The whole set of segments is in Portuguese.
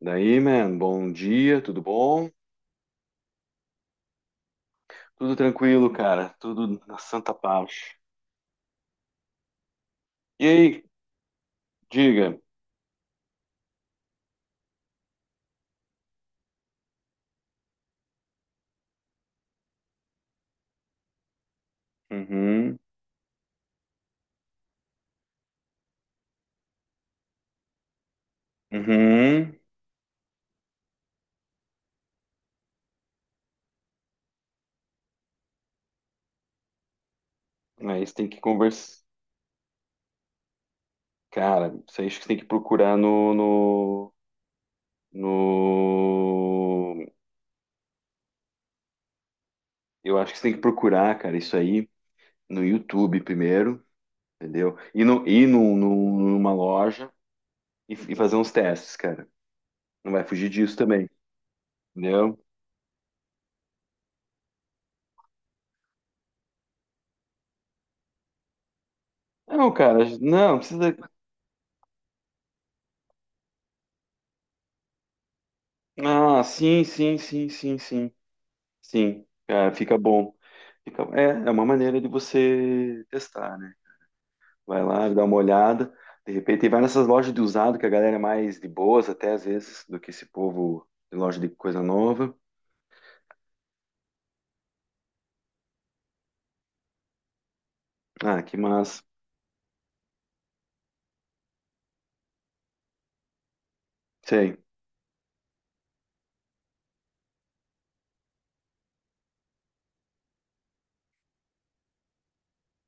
Daí, man, bom dia, tudo bom? Tudo tranquilo, cara, tudo na santa paz. E aí, diga. Uhum, uhum. Aí você tem que conversar. Cara, isso aí acho que você tem que procurar no. Eu acho que você tem que procurar, cara, isso aí no YouTube primeiro, entendeu? Ir no num- numa loja e fazer uns testes, cara. Não vai fugir disso também, entendeu? Não, cara, não precisa. Ah, sim, sim, sim, sim, sim. Sim, cara, fica bom. É uma maneira de você testar, né? Vai lá, dá uma olhada, de repente, e vai nessas lojas de usado, que a galera é mais de boas até às vezes, do que esse povo de loja de coisa nova. Ah, que massa. Sei.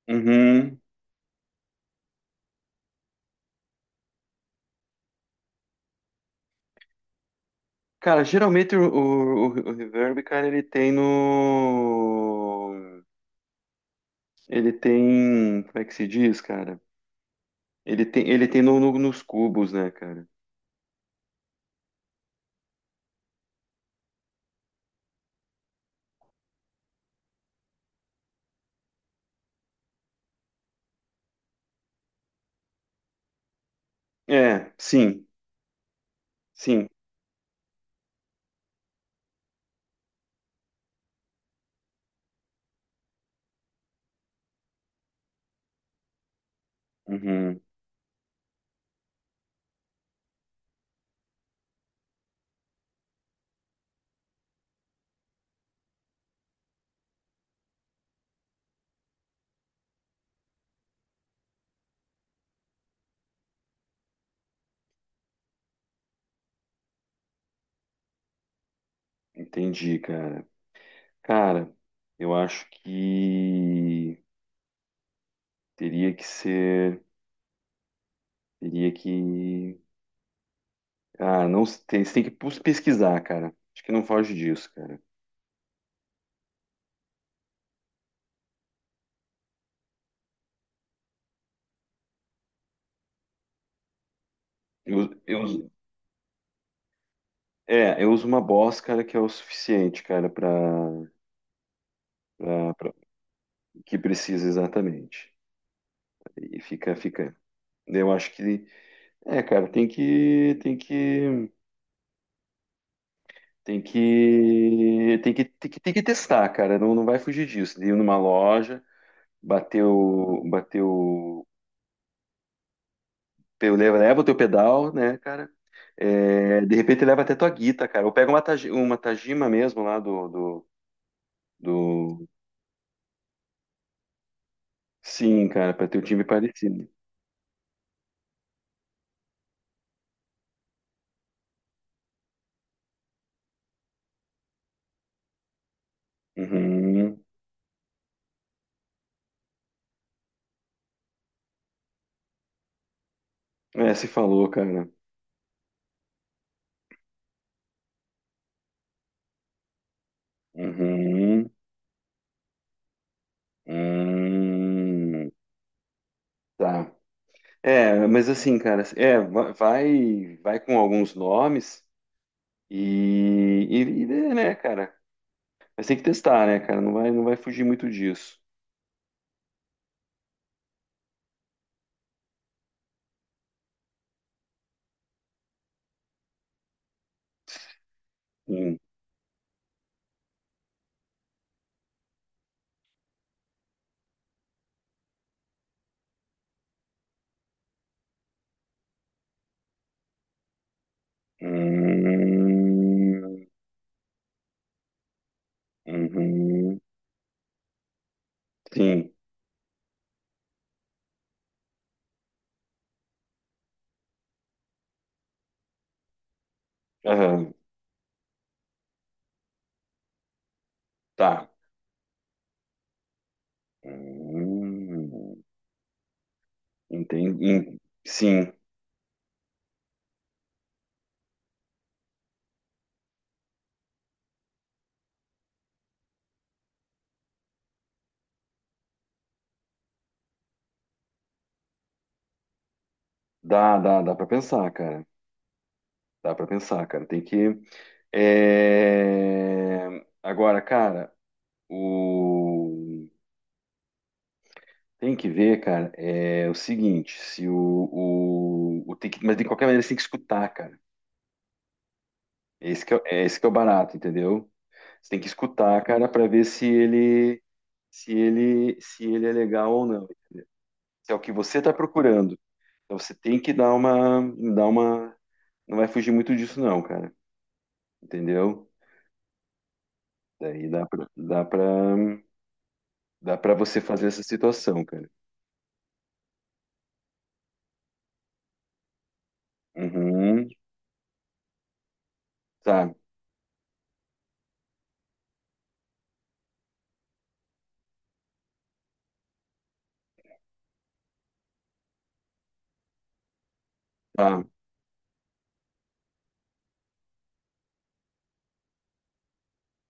Uhum. Cara, geralmente o reverb, cara, ele tem no. Ele tem. Como é que se diz, cara? Ele tem nos cubos, né, cara? É, sim, sim. Uhum. Entendi, cara. Cara, eu acho que teria que ser, teria que, você tem que pesquisar, cara. Acho que não foge disso, cara. Eu, eu, uso- eu uso uma Boss, cara, que é o suficiente, cara, para que precisa exatamente. E fica, fica. Eu acho que, cara, tem que testar, cara. Não não vai fugir disso. De ir numa loja, bater o, bater o. Eu levo, leva o teu pedal, né, cara? É, de repente leva até tua guita, cara. Ou pega uma Tajima mesmo lá do, do, do... Sim, cara, pra ter o time parecido. Uhum. É, se falou, cara. Uhum. Hum. Tá. É, mas assim, cara, vai com alguns nomes e vê, né, cara? Mas tem que testar, né, cara? Não vai fugir muito disso. Sim. Hum. Uhum. Sim. Aham. Tá. Hum, Entendi. Sim. Dá, dá, dá pra pensar, cara. Dá pra pensar, cara. Tem que. É, agora, cara, o... tem que ver, cara, é o seguinte, se o tem que. Mas de qualquer maneira você tem que escutar, cara. Esse que é, o- É esse que é o barato, entendeu? Você tem que escutar, cara, pra ver se ele é legal ou não. Se é o que você tá procurando. Então você tem que dar uma, não vai fugir muito disso não, cara, entendeu? Daí dá pra você fazer essa situação, cara. Uhum, tá, tá,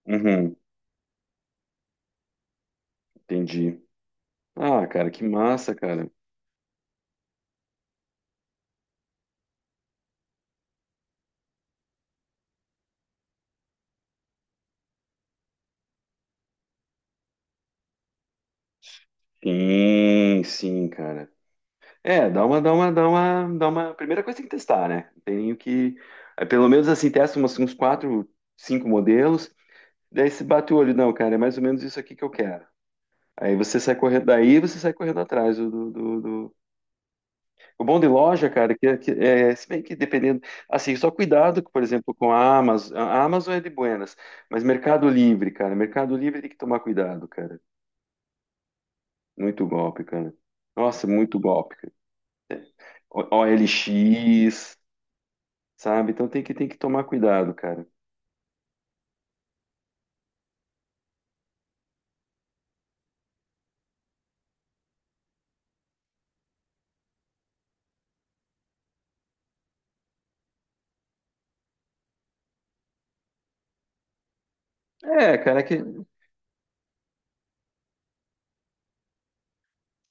uhum, entendi. Ah, cara, que massa, cara. Sim, sim, cara. É, dá uma. Primeira coisa tem que testar, né? Tem nem o que, aí pelo menos assim testa uns quatro, cinco modelos. Daí se bate o olho, não, cara, é mais ou menos isso aqui que eu quero. Aí você sai correndo, daí você sai correndo atrás do. O bom de loja, cara, que é, se bem que dependendo, assim, só cuidado, por exemplo, com a Amazon. A Amazon é de buenas, mas Mercado Livre, cara, Mercado Livre tem que tomar cuidado, cara. Muito golpe, cara. Nossa, muito golpe, cara. OLX, sabe? Então tem que tomar cuidado, cara. É, cara, é que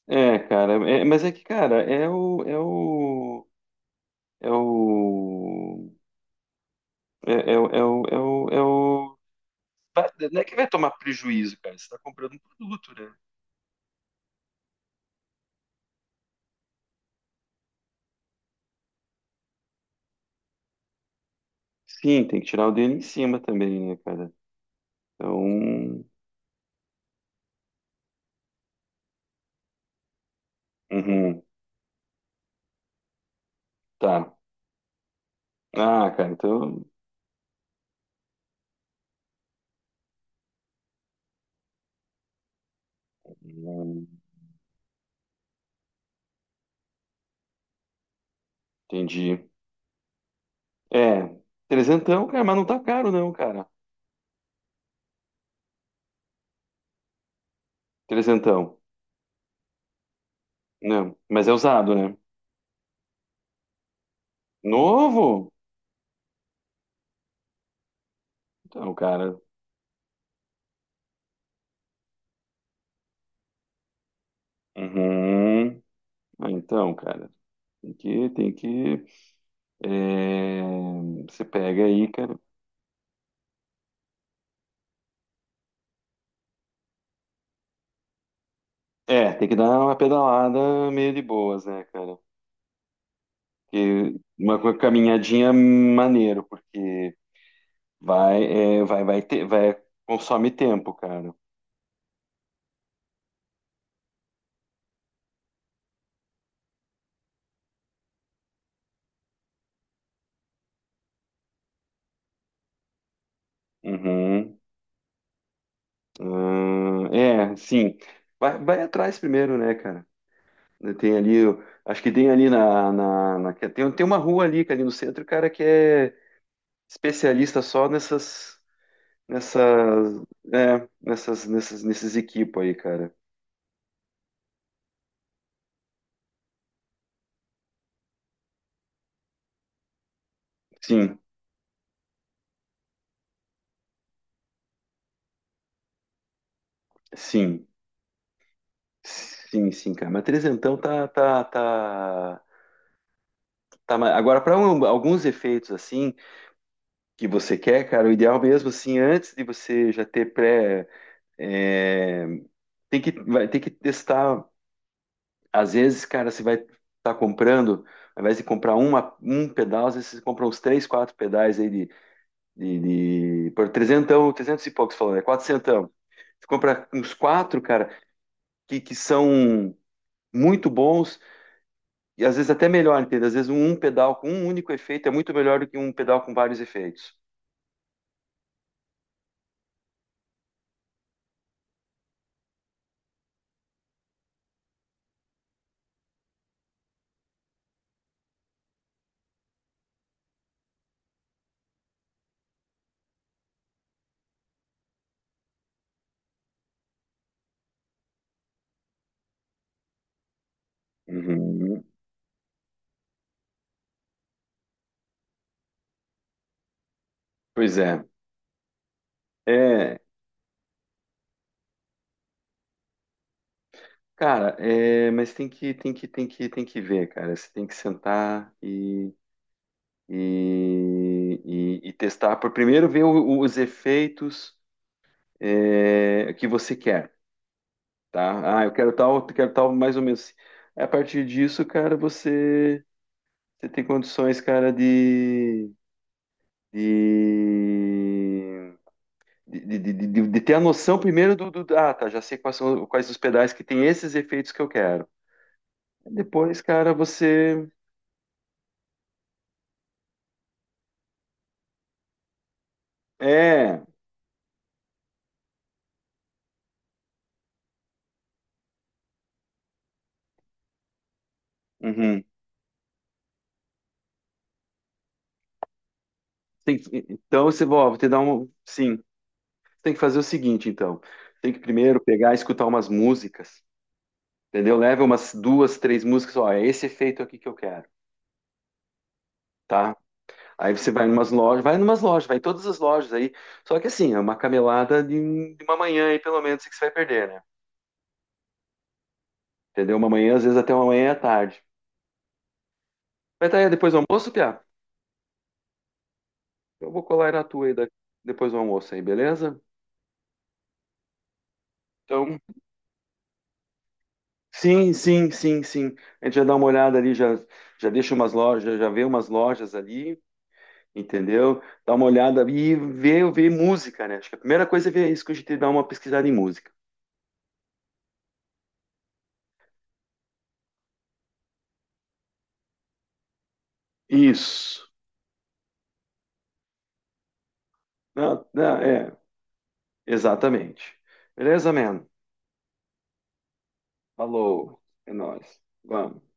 é, cara, mas é que, cara, é o é o é o é o é o não é que vai tomar prejuízo, cara. Você tá comprando um produto, né? Sim, tem que tirar o dedo em cima também, né, cara? Então, uhum, tá. Ah, cara, então, hum, entendi. É, trezentão, cara, mas não tá caro não, cara. Trezentão, não, mas é usado, né? Novo? Então, cara, uhum. Ah, então, cara, tem que, tem que, é, você pega aí, cara. É, tem que dar uma pedalada meio de boas, né, cara? Que uma caminhadinha maneiro, porque vai, é, vai, vai ter, vai, consome tempo, cara. Uhum. Ah, é, sim. Vai atrás primeiro, né, cara? Tem ali, eu acho que tem ali que tem uma rua ali, que é ali no centro, cara, que é especialista só nessas, nessas, nesses equipos aí, cara. Sim, sim, sim, sim, cara. Mas trezentão tá, tá, tá. Tá, mas agora para alguns efeitos assim que você quer, cara, o ideal mesmo assim, antes de você já ter pré, é, tem que vai ter que testar. Às vezes, cara, você vai estar comprando, ao invés de comprar um pedal, às vezes você compra uns três, quatro pedais aí de por trezentão, trezentos e poucos falando, é quatrocentão. Você compra uns quatro, cara, que são muito bons e às vezes até melhor, entende? Às vezes um pedal com um único efeito é muito melhor do que um pedal com vários efeitos. Uhum. Pois é. É, cara, mas tem que ver, cara. Você tem que sentar e, e testar. Por primeiro ver os efeitos que você quer, tá? Ah, eu quero tal, mais ou menos. A partir disso, cara, você tem condições, cara, de de ter a noção primeiro do, ah, tá, já sei quais os pedais que tem esses efeitos que eu quero. Depois, cara, você. É. Uhum. Então você ó, vou te dar um. Sim. Você tem que fazer o seguinte, então. Tem que primeiro pegar e escutar umas músicas. Entendeu? Leva umas duas, três músicas. Ó, é esse efeito aqui que eu quero. Tá? Aí você vai em umas lojas, vai em umas lojas, vai em todas as lojas aí. Só que assim, é uma camelada de uma manhã aí, pelo menos, que você vai perder, né? Entendeu? Uma manhã, às vezes até uma manhã à tarde. Vai estar aí depois do almoço, Piá? Eu vou colar na tua aí depois do almoço aí, beleza? Então, sim, sim, sim, sim. A gente já dá uma olhada ali, já, já deixa umas lojas, já vê umas lojas ali, entendeu? Dá uma olhada e vê, vê música, né? Acho que a primeira coisa é ver isso que a gente dá uma pesquisada em música. Isso. Não, não, é, exatamente. Beleza, man? Falou. É nóis. Vamos.